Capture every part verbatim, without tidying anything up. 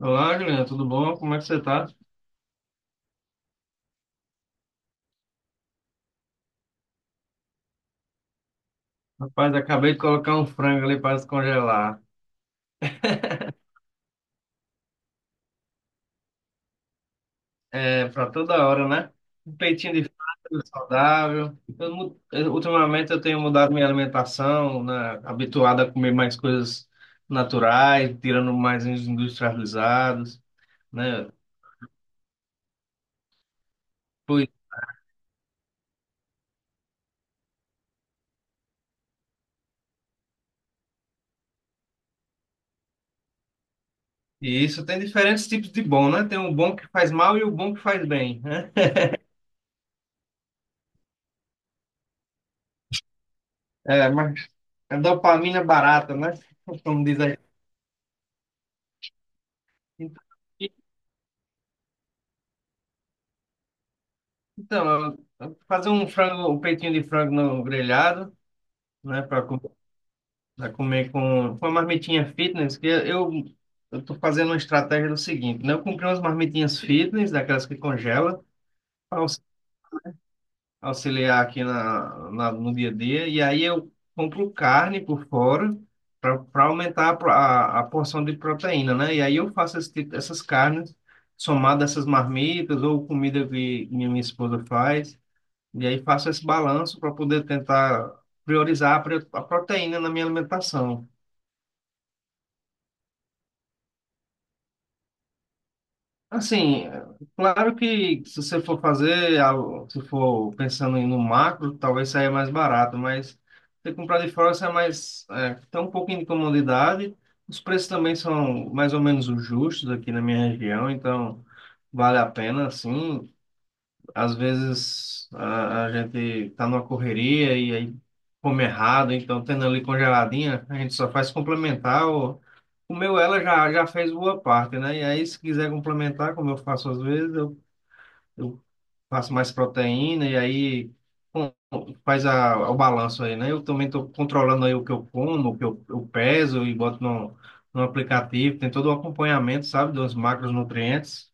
Olá, Juliana, tudo bom? Como é que você tá? Rapaz, acabei de colocar um frango ali para descongelar. É, para toda hora, né? Um peitinho de frango saudável. Eu mu- eu- ultimamente eu tenho mudado minha alimentação, né? Habituado a comer mais coisas naturais, tirando mais os industrializados, né? Pois, e isso tem diferentes tipos de bom, né? Tem o bom que faz mal e o bom que faz bem, né? É, mas é dopamina barata, né? Como diz aí. Então, eu- eu fazer um frango, um peitinho de frango no grelhado, né, para comer com, com uma marmitinha fitness, que eu eu tô fazendo uma estratégia do seguinte, né? Eu comprei umas marmitinhas fitness, daquelas que congela, para auxiliar aqui na, na- no dia a dia, e aí eu compro carne por fora para aumentar a, pro- a, a porção de proteína, né? E aí eu faço esse tipo- essas carnes somadas a essas marmitas ou comida que minha, minha esposa faz. E aí faço esse balanço para poder tentar priorizar a pre- a proteína na minha alimentação. Assim, é, claro que se você for fazer, algo- se for pensando em no macro, talvez saia mais barato, mas se comprar de fora, sai mais, é, tem um pouquinho de comodidade. Os preços também são mais ou menos os justos aqui na minha região, então vale a pena, assim. Às vezes a, a gente tá numa correria e aí come errado, então tendo ali congeladinha, a gente só faz complementar. Ou, comeu ela já, já fez boa parte, né? E aí, se quiser complementar, como eu faço às vezes, eu, eu faço mais proteína e aí com- faz a, o balanço aí, né? Eu também estou controlando aí o que eu como, o que eu, eu peso e boto no, no aplicativo, tem todo o acompanhamento, sabe, dos macronutrientes.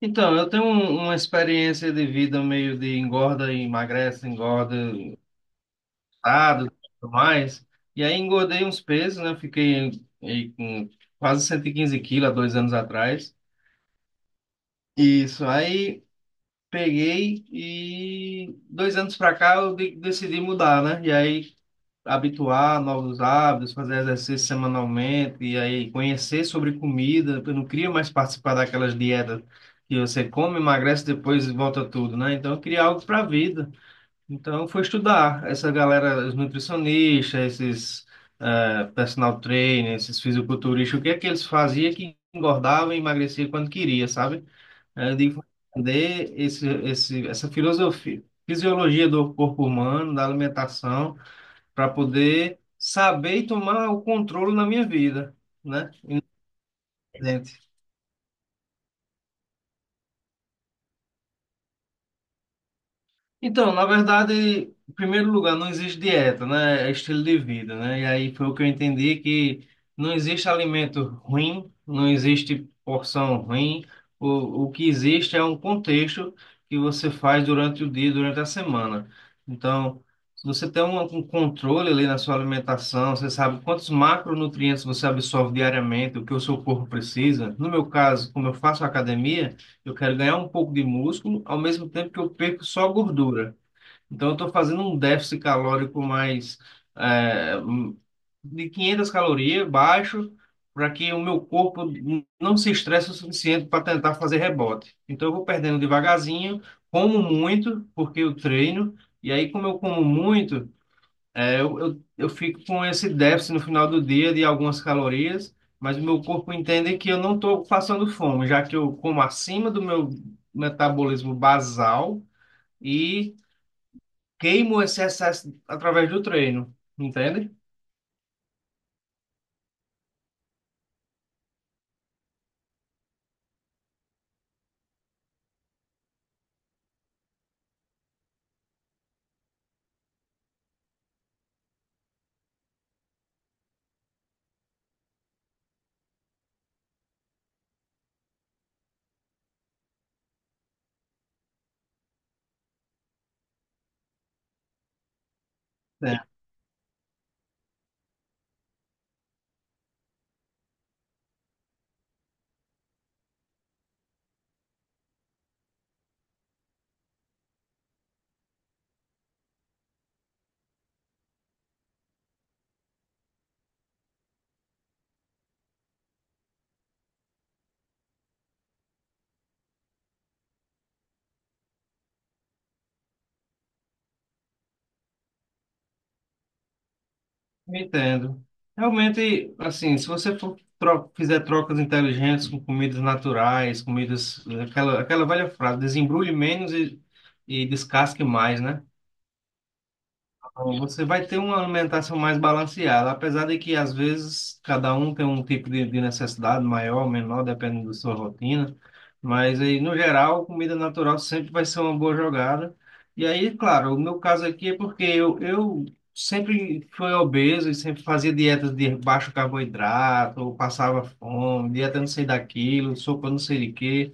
Então, eu tenho um- uma experiência de vida meio de engorda e emagrece, engorda, estado, tudo mais. E aí engordei uns pesos, né? Fiquei aí com quase cento e quinze quilos há dois anos atrás. Isso, aí peguei e dois anos pra cá eu de- decidi mudar, né? E aí habituar a novos hábitos, fazer exercício semanalmente e aí conhecer sobre comida. Eu não queria mais participar daquelas dietas que você come, emagrece, depois volta tudo, né? Então eu queria algo para a vida. Então eu fui estudar essa galera, os nutricionistas, esses eh, personal trainers, esses fisiculturistas, o que é que eles faziam que engordava e emagrecia quando queria, sabe? Aí eu digo, vou entender esse, esse, essa filosofia, fisiologia do corpo humano, da alimentação para poder saber e tomar o controle na minha vida, né, gente? Então, na verdade, em primeiro lugar, não existe dieta, né? É estilo de vida, né? E aí foi o que eu entendi que não existe alimento ruim, não existe porção ruim. O, o que existe é um contexto que você faz durante o dia, durante a semana. Então, se você tem um, um controle ali na sua alimentação, você sabe quantos macronutrientes você absorve diariamente, o que o seu corpo precisa. No meu caso, como eu faço academia, eu quero ganhar um pouco de músculo, ao mesmo tempo que eu perco só gordura. Então, eu estou fazendo um déficit calórico mais é, hum, de quinhentas calorias, baixo, para que o meu corpo não se estresse o suficiente para tentar fazer rebote. Então, eu vou perdendo devagarzinho, como muito, porque eu treino, e aí, como eu como muito. É, eu, eu, eu fico com esse déficit no final do dia de algumas calorias, mas o meu corpo entende que eu não estou passando fome, já que eu como acima do meu metabolismo basal e queimo esse excesso através do treino, entende? É, entendo. Realmente, assim, se você for, tro fizer trocas inteligentes com comidas naturais, comidas, aquela, aquela velha frase, desembrulhe menos e, e descasque mais, né? Você vai ter uma alimentação mais balanceada, apesar de que às vezes cada um tem um tipo de, de necessidade maior, menor, dependendo da sua rotina. Mas aí, no geral, comida natural sempre vai ser uma boa jogada. E aí, claro, o meu caso aqui é porque eu, eu sempre fui obeso e sempre fazia dietas de baixo carboidrato, ou passava fome, dieta não sei daquilo, sopa não sei de quê.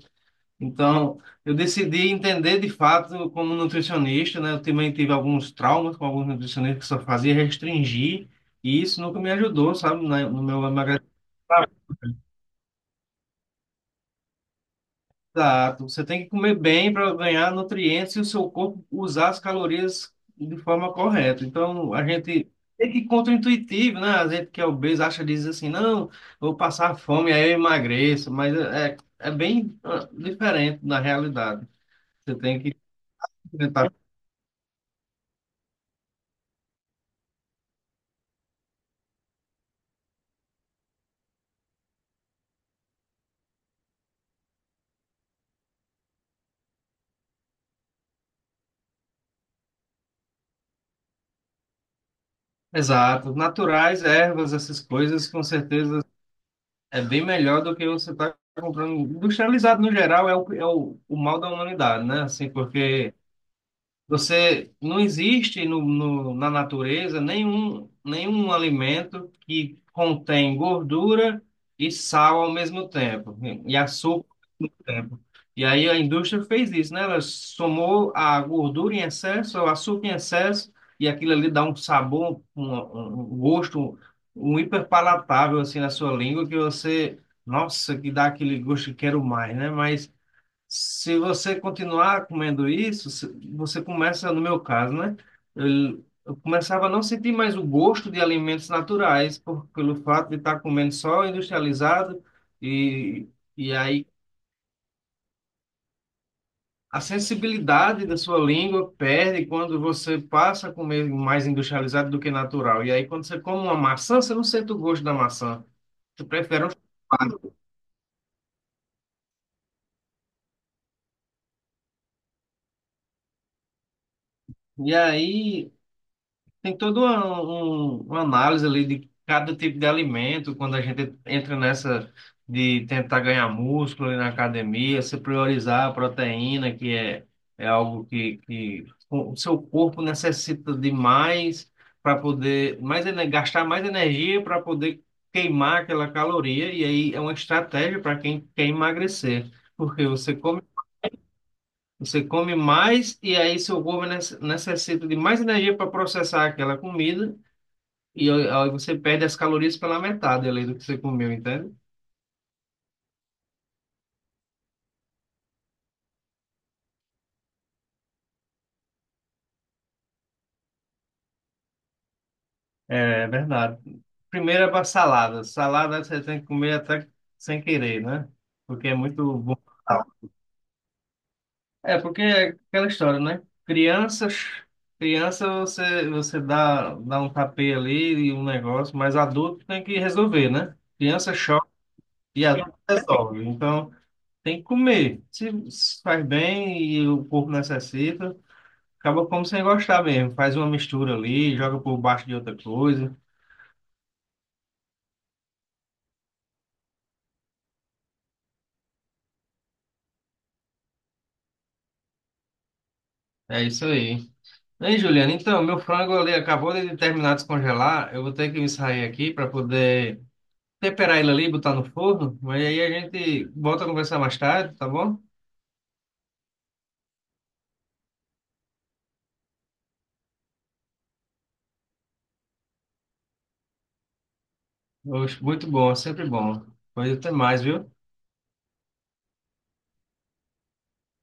Então, eu decidi entender de fato como nutricionista, né? Eu também tive alguns traumas com alguns nutricionistas que só fazia restringir, e isso nunca me ajudou, sabe, na- no meu emagrecimento. Exato. Você tem que comer bem para ganhar nutrientes e o seu corpo usar as calorias de forma correta. Então, a gente é que contraintuitivo, né? A gente que é obeso acha, diz assim, não, vou passar fome, aí eu emagreço, mas é, é bem ah, diferente na realidade. Você tem que exato. Naturais, ervas, essas coisas, com certeza é bem melhor do que você está comprando. Industrializado, no geral, é o, é o, o mal da humanidade, né? Assim, porque você não existe no, no, na natureza nenhum, nenhum alimento que contém gordura e sal ao mesmo tempo, e açúcar tempo. E aí a indústria fez isso, né? Ela somou a gordura em excesso, o açúcar em excesso, e aquilo ali dá um sabor, um, um um gosto, um hiperpalatável assim na sua língua que você, nossa, que dá aquele gosto que quero mais, né? Mas se você continuar comendo isso, se- você começa, no meu caso, né? Eu, eu começava a não sentir mais o gosto de alimentos naturais por, pelo fato de estar comendo só industrializado e e aí a sensibilidade da sua língua perde quando você passa a comer mais industrializado do que natural. E aí, quando você come uma maçã, você não sente o gosto da maçã. Você prefere um chocado. E aí, tem toda uma, um- uma análise ali de cada tipo de alimento, quando a gente entra nessa de tentar ganhar músculo ali na academia, se priorizar a proteína, que é, é algo que, que o seu corpo necessita de mais para poder mais, ene- gastar mais energia para poder queimar aquela caloria, e aí é uma estratégia para quem quer emagrecer, porque você come você come mais e aí seu corpo nece- necessita de mais energia para processar aquela comida e aí você perde as calorias pela metade ali do que você comeu, entende? É verdade. Primeiro é para salada. Salada você tem que comer até sem querer, né? Porque é muito bom. É porque é aquela história, né? Crianças, criança você você dá dá um tapê ali e um negócio, mas adulto tem que resolver, né? Criança chora e adulto resolve. Então tem que comer. Se se faz bem e o corpo necessita. Acaba como sem gostar mesmo. Faz uma mistura ali, joga por baixo de outra coisa. É isso aí. Ei, Juliana, então, meu frango ali acabou de terminar de descongelar. Eu vou ter que me sair aqui para poder temperar ele ali, e botar no forno. Mas aí a gente volta a conversar mais tarde, tá bom? Oxe, muito bom, sempre bom. Pois até mais, viu?